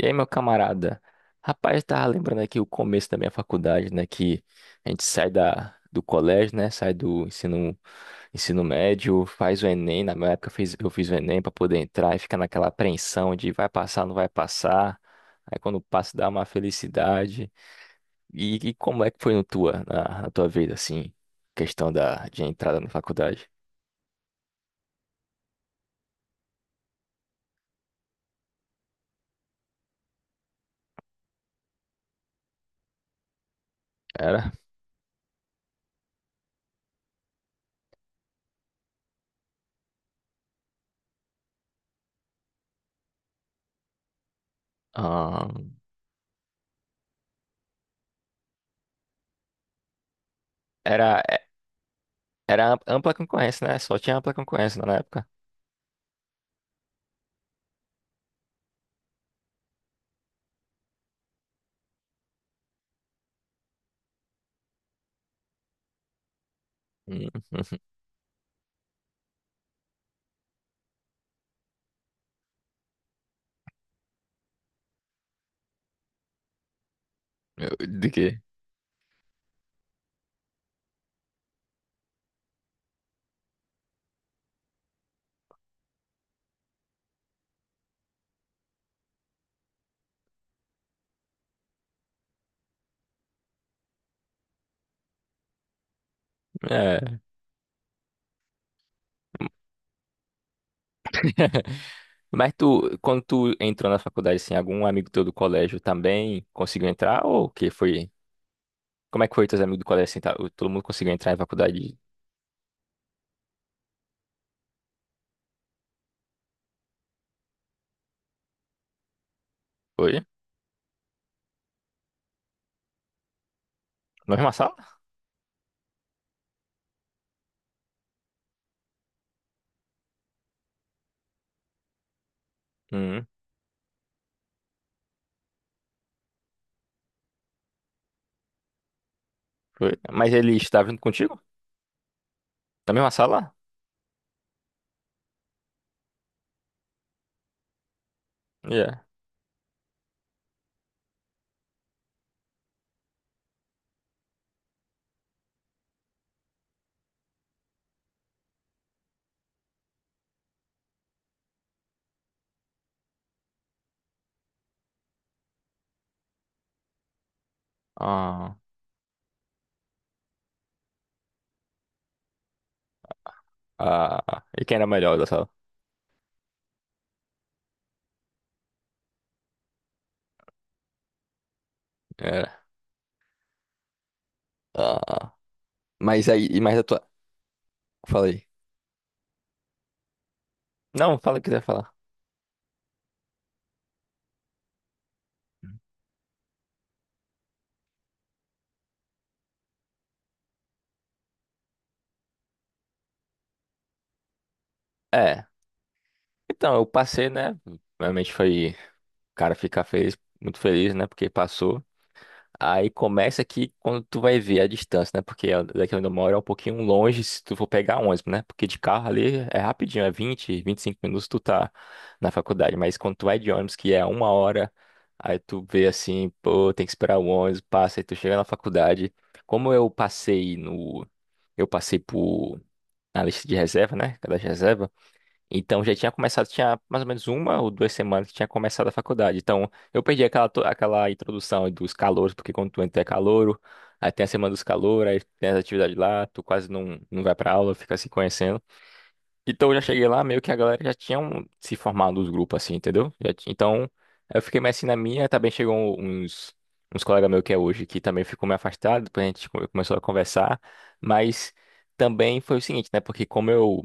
E aí, meu camarada? Rapaz, eu tava lembrando aqui o começo da minha faculdade, né? Que a gente sai do colégio, né? Sai do ensino médio, faz o Enem. Na minha época eu fiz o Enem pra poder entrar e fica naquela apreensão de vai passar, não vai passar. Aí quando passa dá uma felicidade. E como é que foi no tua, na, na tua vida, assim, questão de entrada na faculdade? Era? Ahn. Era, era ampla concorrência, né? Só tinha ampla concorrência na época. Hum. De quê? É. Mas tu, quando tu entrou na faculdade, assim, algum amigo teu do colégio também conseguiu entrar? Ou o que foi? Como é que foi teus amigos do colégio, assim, tá? Todo mundo conseguiu entrar em faculdade? Foi? Na mesma sala? Hum, foi. Mas ele estava junto contigo? Na mesma sala? Yeah. Ah, ah. E quem era melhor da sala? Era. Ah. Mas aí, e mais a tua... Falei. Não, fala o que quiser falar. É. Então, eu passei, né? Realmente foi... O cara fica feliz, muito feliz, né? Porque passou. Aí começa aqui quando tu vai ver a distância, né? Porque daqui onde eu moro é um pouquinho longe se tu for pegar ônibus, né? Porque de carro ali é rapidinho, é 20, 25 minutos tu tá na faculdade. Mas quando tu vai de ônibus, que é uma hora, aí tu vê assim, pô, tem que esperar o ônibus, passa, aí tu chega na faculdade. Como eu passei no. Eu passei por. Na lista de reserva, né? Cada reserva. Então já tinha começado, tinha mais ou menos uma ou duas semanas que tinha começado a faculdade. Então eu perdi aquela introdução dos calouros, porque quando tu entra é calouro, aí tem a semana dos calouros, aí tem as atividades lá, tu quase não vai pra aula, fica se conhecendo. Então eu já cheguei lá, meio que a galera já tinha se formado os grupos assim, entendeu? Então eu fiquei mais assim na minha, também chegou um, uns, uns colegas meus que é hoje, que também ficou meio afastado, depois a gente começou a conversar, mas também foi o seguinte, né? Porque como eu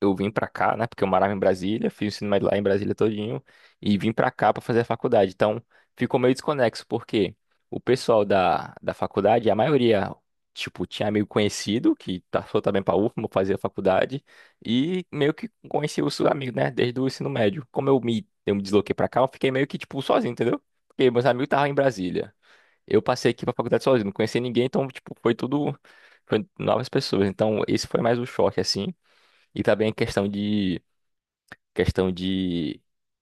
eu vim pra cá, né? Porque eu morava em Brasília, fiz o ensino médio lá em Brasília todinho e vim pra cá pra fazer a faculdade. Então, ficou meio desconexo porque o pessoal da faculdade, a maioria, tipo, tinha amigo conhecido que passou também pra UFMA, fazia faculdade e meio que conhecia os seus amigos, né? Desde o ensino médio. Como eu me desloquei pra cá, eu fiquei meio que, tipo, sozinho, entendeu? Porque meus amigos estavam em Brasília. Eu passei aqui pra faculdade sozinho, não conhecia ninguém, então, tipo, foi tudo, foi novas pessoas. Então, esse foi mais o choque, assim. E também é questão de questão de,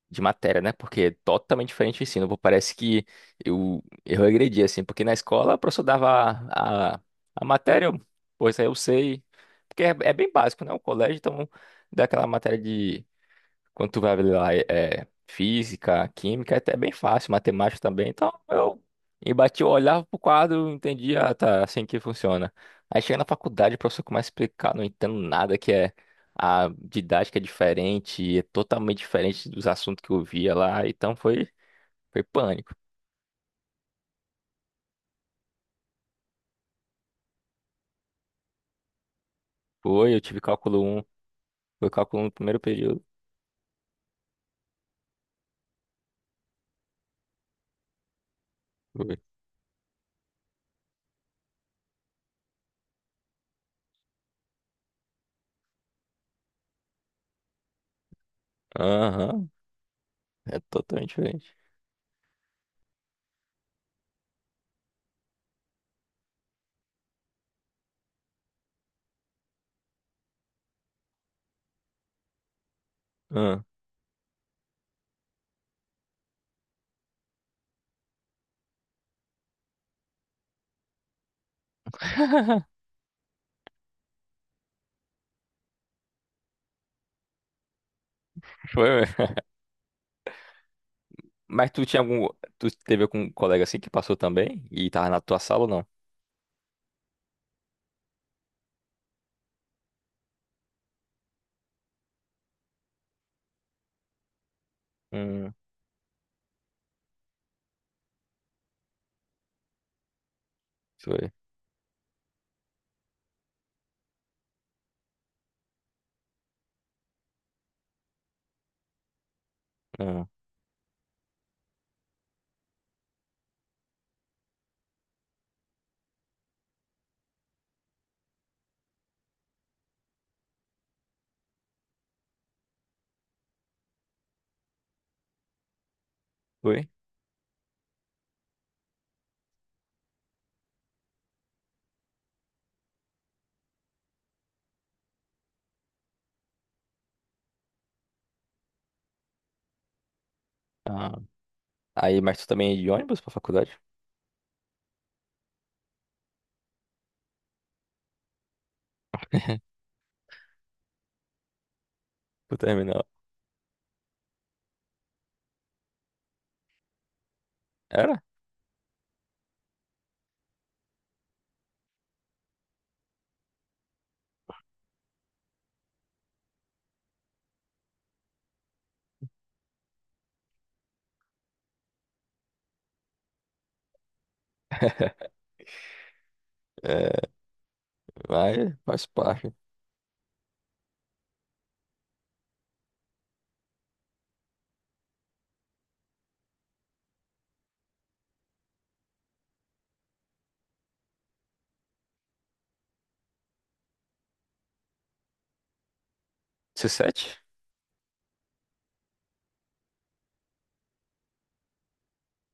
de matéria, né? Porque é, totalmente diferente o ensino. Pô, Parece que eu regredi, assim, porque na escola o professor dava a, a, a matéria, eu- pô, isso aí eu sei. Porque é, é bem básico, né? O colégio, então, dá aquela matéria de quando tu vai lá, é física, química, é até bem fácil, matemática também. Então eu embati, eu olhava pro quadro, entendia, ah, tá, é assim que funciona. Aí chega na faculdade, o professor começa a explicar, não entendo nada que é. A didática é diferente, é totalmente diferente dos assuntos que eu via lá. Então foi pânico. Foi, eu tive cálculo 1, foi cálculo 1 no primeiro período. Foi. Aham, é totalmente diferente. Ah, foi, mesmo. mas tu tinha algum, tu teve algum colega assim que passou também e tava na tua sala ou não? Hum, foi. Ah, foi? Ah, aí, mas tu também ia de ônibus pra faculdade? Pro terminal? Era? É, vai, faz parte. C7?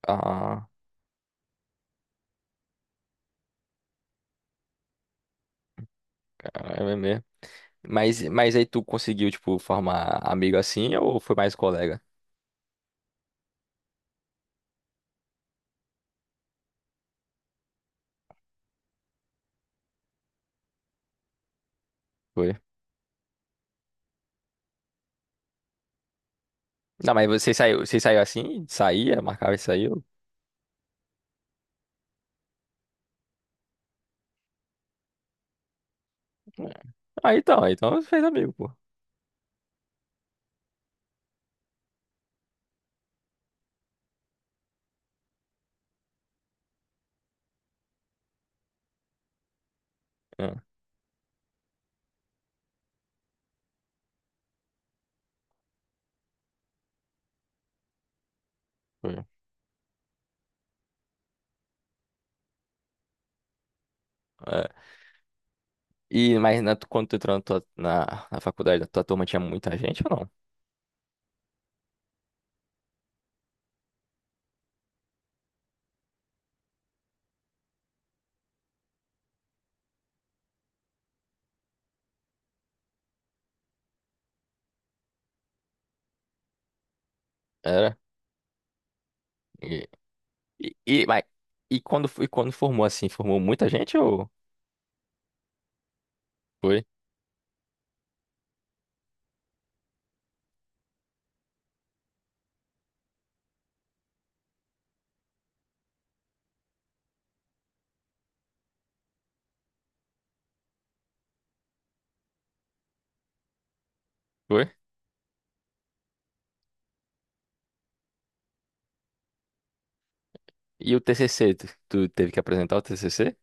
Ah, cara, é mesmo. Mas, aí tu conseguiu, tipo, formar amigo assim ou foi mais colega? Foi. Não, mas você saiu assim? Saía, marcava e saiu? É. Ah, então, você fez amigo, pô. É, foi. É. Quando tu entrou na faculdade, a tua turma tinha muita gente ou não? Era? E, e, mas- e quando formou assim, formou muita gente ou foi? Foi? E o TCC, tu teve que apresentar o TCC?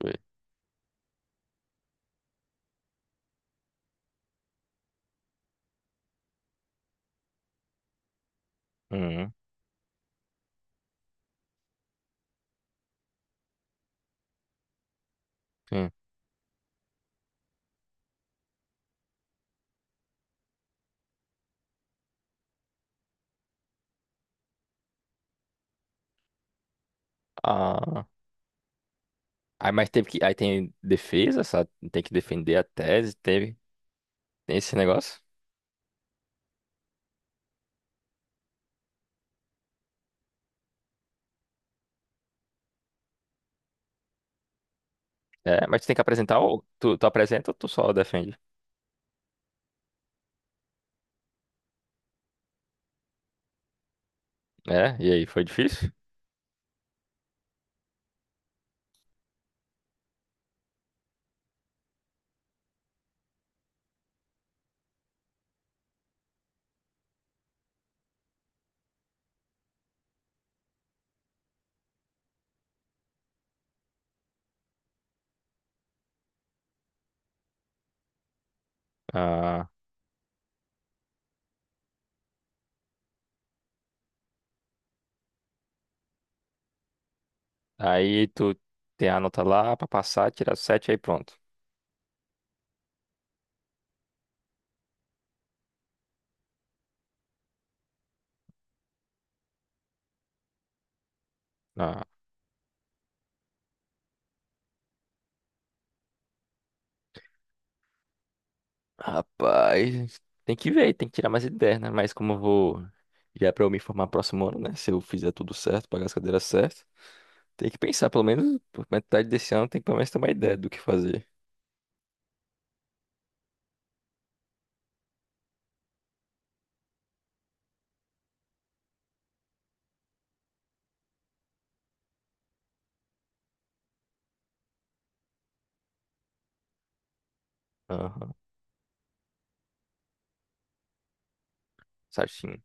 Foi. Uhum. Hum. Ah, aí tem defesa, sabe? Tem que defender a tese, teve, tem esse negócio? É, mas tu tem que apresentar ou tu apresenta ou tu só defende? É, e aí foi difícil? Ah, aí tu tem a nota lá pra passar, tirar 7 aí pronto. Ah, rapaz, tem que ver, tem que tirar mais ideias, né? Mas como eu vou. Já é pra eu me formar próximo ano, né? Se eu fizer tudo certo, pagar as cadeiras certas, tem que pensar, pelo menos por metade desse ano, tem que pelo menos ter uma ideia do que fazer. Aham, certinho.